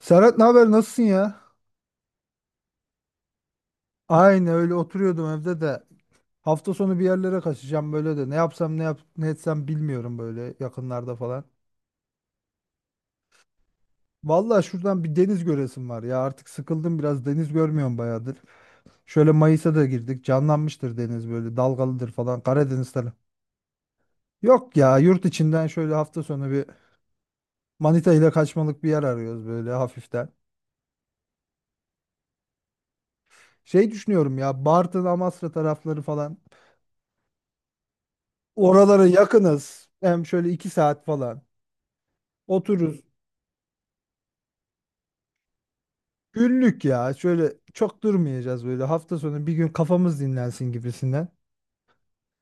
Serhat, ne haber, nasılsın ya? Aynı öyle oturuyordum evde de. Hafta sonu bir yerlere kaçacağım böyle de. Ne yapsam ne yap ne etsem bilmiyorum böyle yakınlarda falan. Vallahi şuradan bir deniz göresim var ya. Artık sıkıldım, biraz deniz görmüyorum bayağıdır. Şöyle Mayıs'a da girdik. Canlanmıştır deniz, böyle dalgalıdır falan Karadeniz tarafı. Yok ya, yurt içinden şöyle hafta sonu bir Manita ile kaçmalık bir yer arıyoruz böyle hafiften. Şey düşünüyorum ya, Bartın, Amasra tarafları falan. Oralara yakınız. Hem şöyle iki saat falan. Otururuz. Günlük ya. Şöyle çok durmayacağız böyle. Hafta sonu bir gün kafamız dinlensin gibisinden.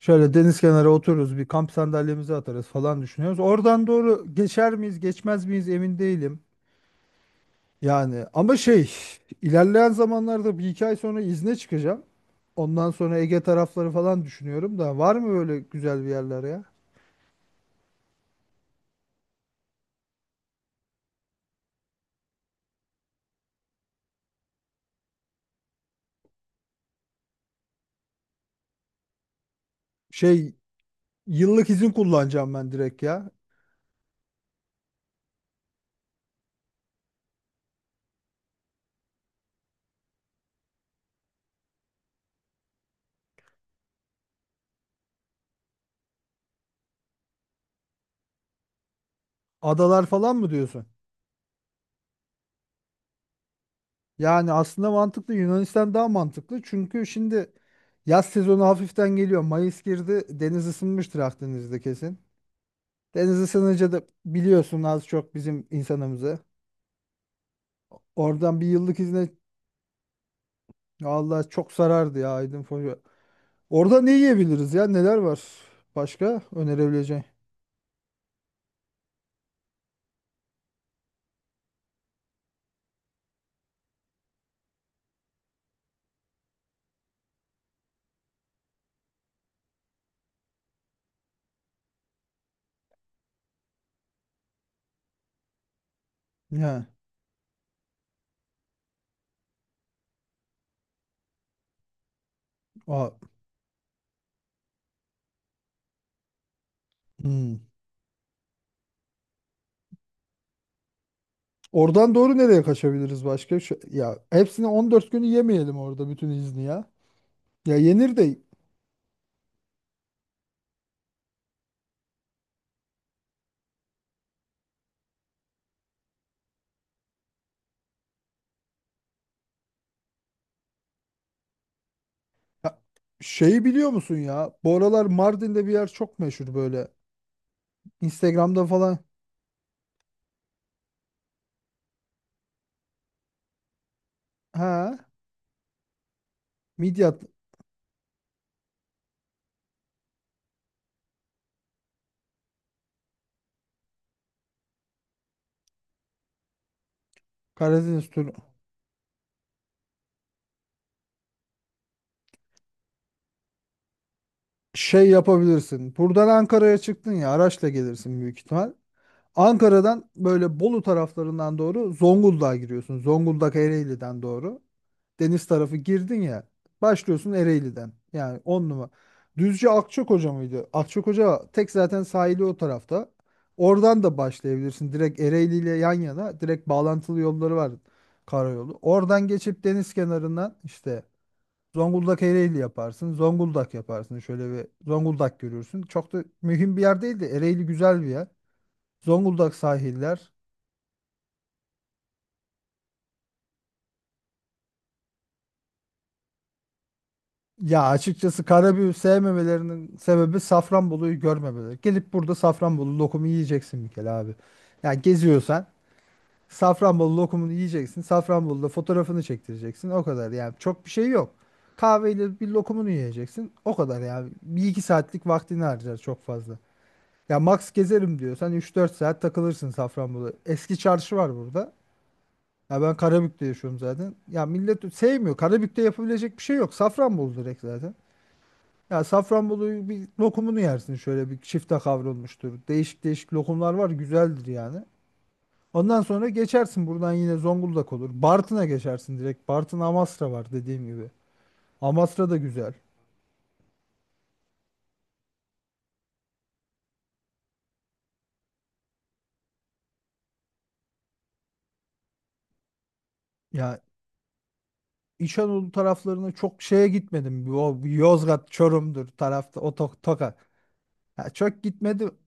Şöyle deniz kenarı otururuz. Bir kamp sandalyemizi atarız falan düşünüyoruz. Oradan doğru geçer miyiz, geçmez miyiz emin değilim. Yani ama şey, ilerleyen zamanlarda bir iki ay sonra izne çıkacağım. Ondan sonra Ege tarafları falan düşünüyorum da var mı böyle güzel bir yerler ya? Şey, yıllık izin kullanacağım ben direkt ya. Adalar falan mı diyorsun? Yani aslında mantıklı, Yunanistan daha mantıklı. Çünkü şimdi yaz sezonu hafiften geliyor. Mayıs girdi. Deniz ısınmıştır Akdeniz'de kesin. Deniz ısınınca da biliyorsun az çok bizim insanımızı. Oradan bir yıllık izne. Allah, çok sarardı ya Aydın Foça. Orada ne yiyebiliriz ya? Neler var? Başka önerebileceğin? Ya. Aa, hmm. Oradan doğru nereye kaçabiliriz başka? Şu, ya hepsini 14 günü yemeyelim orada bütün izni ya. Ya yenir de ya, şeyi biliyor musun ya? Bu aralar Mardin'de bir yer çok meşhur böyle. Instagram'da falan. Ha, Midyat. Karadeniz turu. Şey yapabilirsin. Buradan Ankara'ya çıktın ya, araçla gelirsin büyük ihtimal. Ankara'dan böyle Bolu taraflarından doğru Zonguldak'a giriyorsun. Zonguldak Ereğli'den doğru deniz tarafı girdin ya, başlıyorsun Ereğli'den, yani 10 numara. Düzce Akçakoca mıydı? Akçakoca tek zaten sahili o tarafta. Oradan da başlayabilirsin. Direkt Ereğli ile yan yana direkt bağlantılı yolları var, karayolu. Oradan geçip deniz kenarından işte Zonguldak Ereğli yaparsın. Zonguldak yaparsın. Şöyle bir Zonguldak görürsün. Çok da mühim bir yer değil de Ereğli güzel bir yer. Zonguldak sahiller. Ya açıkçası karabiberi sevmemelerinin sebebi Safranbolu'yu görmemeleri. Gelip burada Safranbolu lokumu yiyeceksin bir kere abi. Ya geziyorsan Safranbolu lokumunu yiyeceksin. Safranbolu'da fotoğrafını çektireceksin. O kadar yani, çok bir şey yok. Kahveyle bir lokumunu yiyeceksin. O kadar yani. Bir iki saatlik vaktini harcar çok fazla. Ya max gezerim diyorsan üç dört saat takılırsın Safranbolu. Eski çarşı var burada. Ya ben Karabük'te yaşıyorum zaten. Ya millet sevmiyor. Karabük'te yapabilecek bir şey yok. Safranbolu direkt zaten. Ya Safranbolu bir lokumunu yersin, şöyle bir çifte kavrulmuştur. Değişik değişik lokumlar var, güzeldir yani. Ondan sonra geçersin buradan yine Zonguldak olur. Bartın'a geçersin direkt. Bartın Amasra var dediğim gibi. Amasra da güzel. Ya İç Anadolu taraflarına çok şeye gitmedim. O Yozgat, Çorum'dur tarafta, o Tokat. Ya çok gitmedim.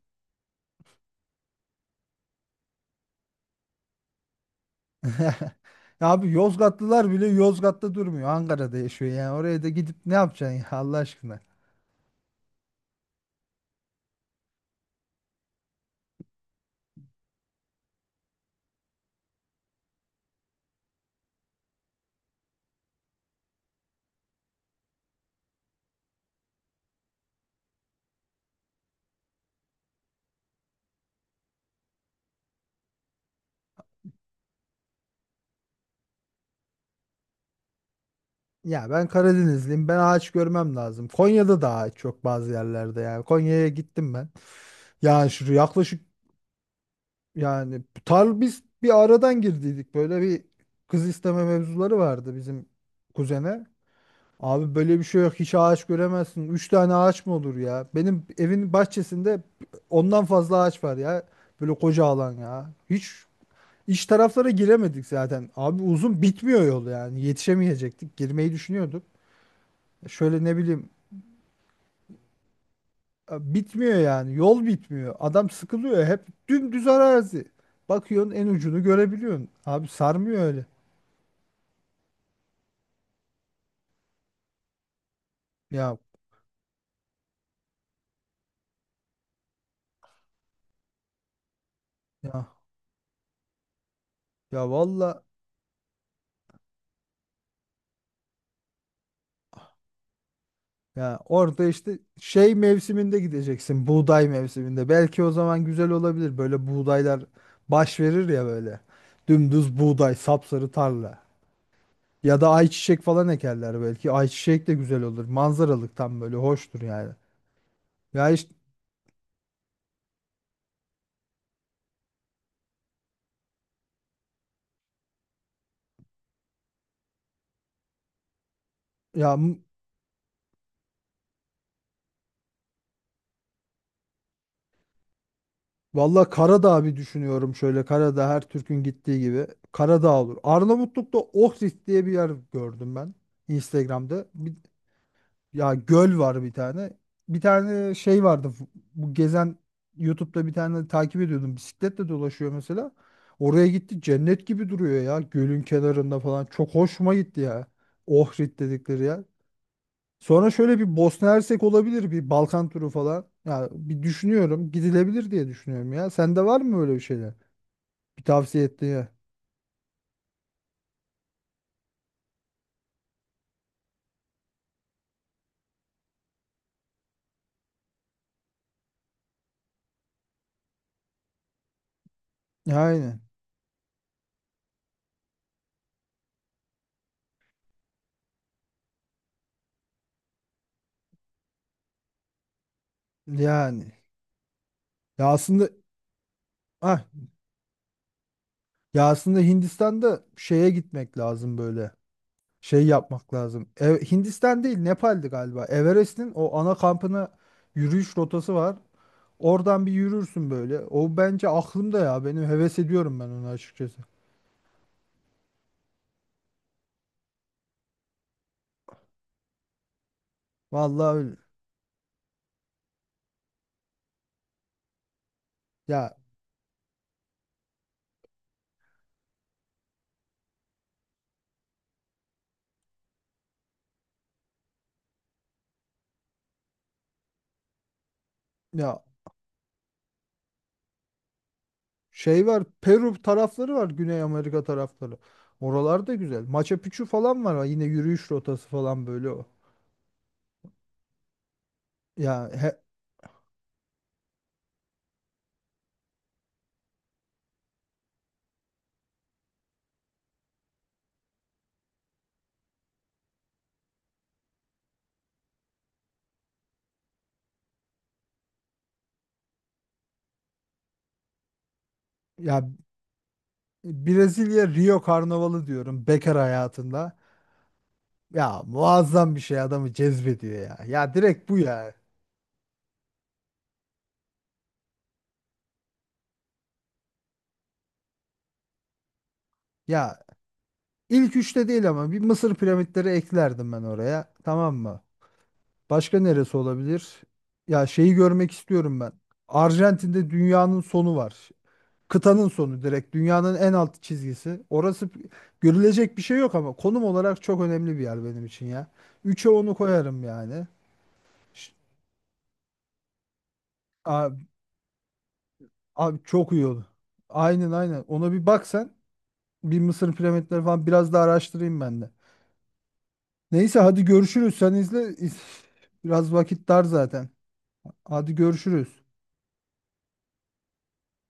Ya abi Yozgatlılar bile Yozgat'ta durmuyor. Ankara'da yaşıyor yani. Oraya da gidip ne yapacaksın ya Allah aşkına. Ya ben Karadenizliyim. Ben ağaç görmem lazım. Konya'da da ağaç çok bazı yerlerde yani. Konya'ya gittim ben. Yani şu yaklaşık, yani tar biz bir aradan girdiydik. Böyle bir kız isteme mevzuları vardı bizim kuzene. Abi böyle bir şey yok. Hiç ağaç göremezsin. Üç tane ağaç mı olur ya? Benim evin bahçesinde ondan fazla ağaç var ya. Böyle koca alan ya. Hiç iç taraflara giremedik zaten. Abi uzun bitmiyor yol yani. Yetişemeyecektik. Girmeyi düşünüyorduk. Şöyle ne bileyim. Bitmiyor yani. Yol bitmiyor. Adam sıkılıyor. Hep dümdüz arazi. Bakıyorsun en ucunu görebiliyorsun. Abi sarmıyor öyle. Ya ya ya valla, ya orada işte şey mevsiminde gideceksin. Buğday mevsiminde. Belki o zaman güzel olabilir. Böyle buğdaylar baş verir ya böyle. Dümdüz buğday, sapsarı tarla. Ya da ayçiçek falan ekerler belki. Ayçiçek de güzel olur. Manzaralık tam böyle hoştur yani. Ya işte ya, valla Karadağ bir düşünüyorum şöyle. Karadağ her Türk'ün gittiği gibi. Karadağ olur. Arnavutluk'ta Ohrid diye bir yer gördüm ben. Instagram'da. Bir, ya göl var bir tane. Bir tane şey vardı. Bu gezen YouTube'da bir tane takip ediyordum. Bisikletle dolaşıyor mesela. Oraya gitti. Cennet gibi duruyor ya. Gölün kenarında falan. Çok hoşuma gitti ya. Ohrid dedikleri yer. Sonra şöyle bir Bosna Hersek olabilir, bir Balkan turu falan. Ya bir düşünüyorum, gidilebilir diye düşünüyorum ya. Sende var mı öyle bir şeyler? Bir tavsiye etti ya. Aynen. Yani. Ya aslında, ah, ya aslında Hindistan'da şeye gitmek lazım böyle. Şey yapmak lazım. Hindistan değil, Nepal'di galiba. Everest'in o ana kampına yürüyüş rotası var. Oradan bir yürürsün böyle. O bence aklımda ya. Benim heves ediyorum ben onu açıkçası. Vallahi öyle. Ya ya şey var, Peru tarafları var, Güney Amerika tarafları. Oralar da güzel. Machu Picchu falan var. Yine yürüyüş rotası falan böyle o. Ya he- ya Brezilya Rio Karnavalı diyorum bekar hayatında. Ya muazzam bir şey, adamı cezbediyor ya. Ya direkt bu ya. Ya ilk üçte değil ama bir Mısır piramitleri eklerdim ben oraya. Tamam mı? Başka neresi olabilir? Ya şeyi görmek istiyorum ben. Arjantin'de dünyanın sonu var. Kıtanın sonu, direkt dünyanın en alt çizgisi. Orası görülecek bir şey yok ama konum olarak çok önemli bir yer benim için ya. Üçe onu koyarım yani. Ş- Abi, abi çok iyi oldu. Aynen aynen. Ona bir bak sen. Bir Mısır piramitleri falan biraz daha araştırayım ben de. Neyse hadi görüşürüz. Sen izle. Biraz vakit dar zaten. Hadi görüşürüz.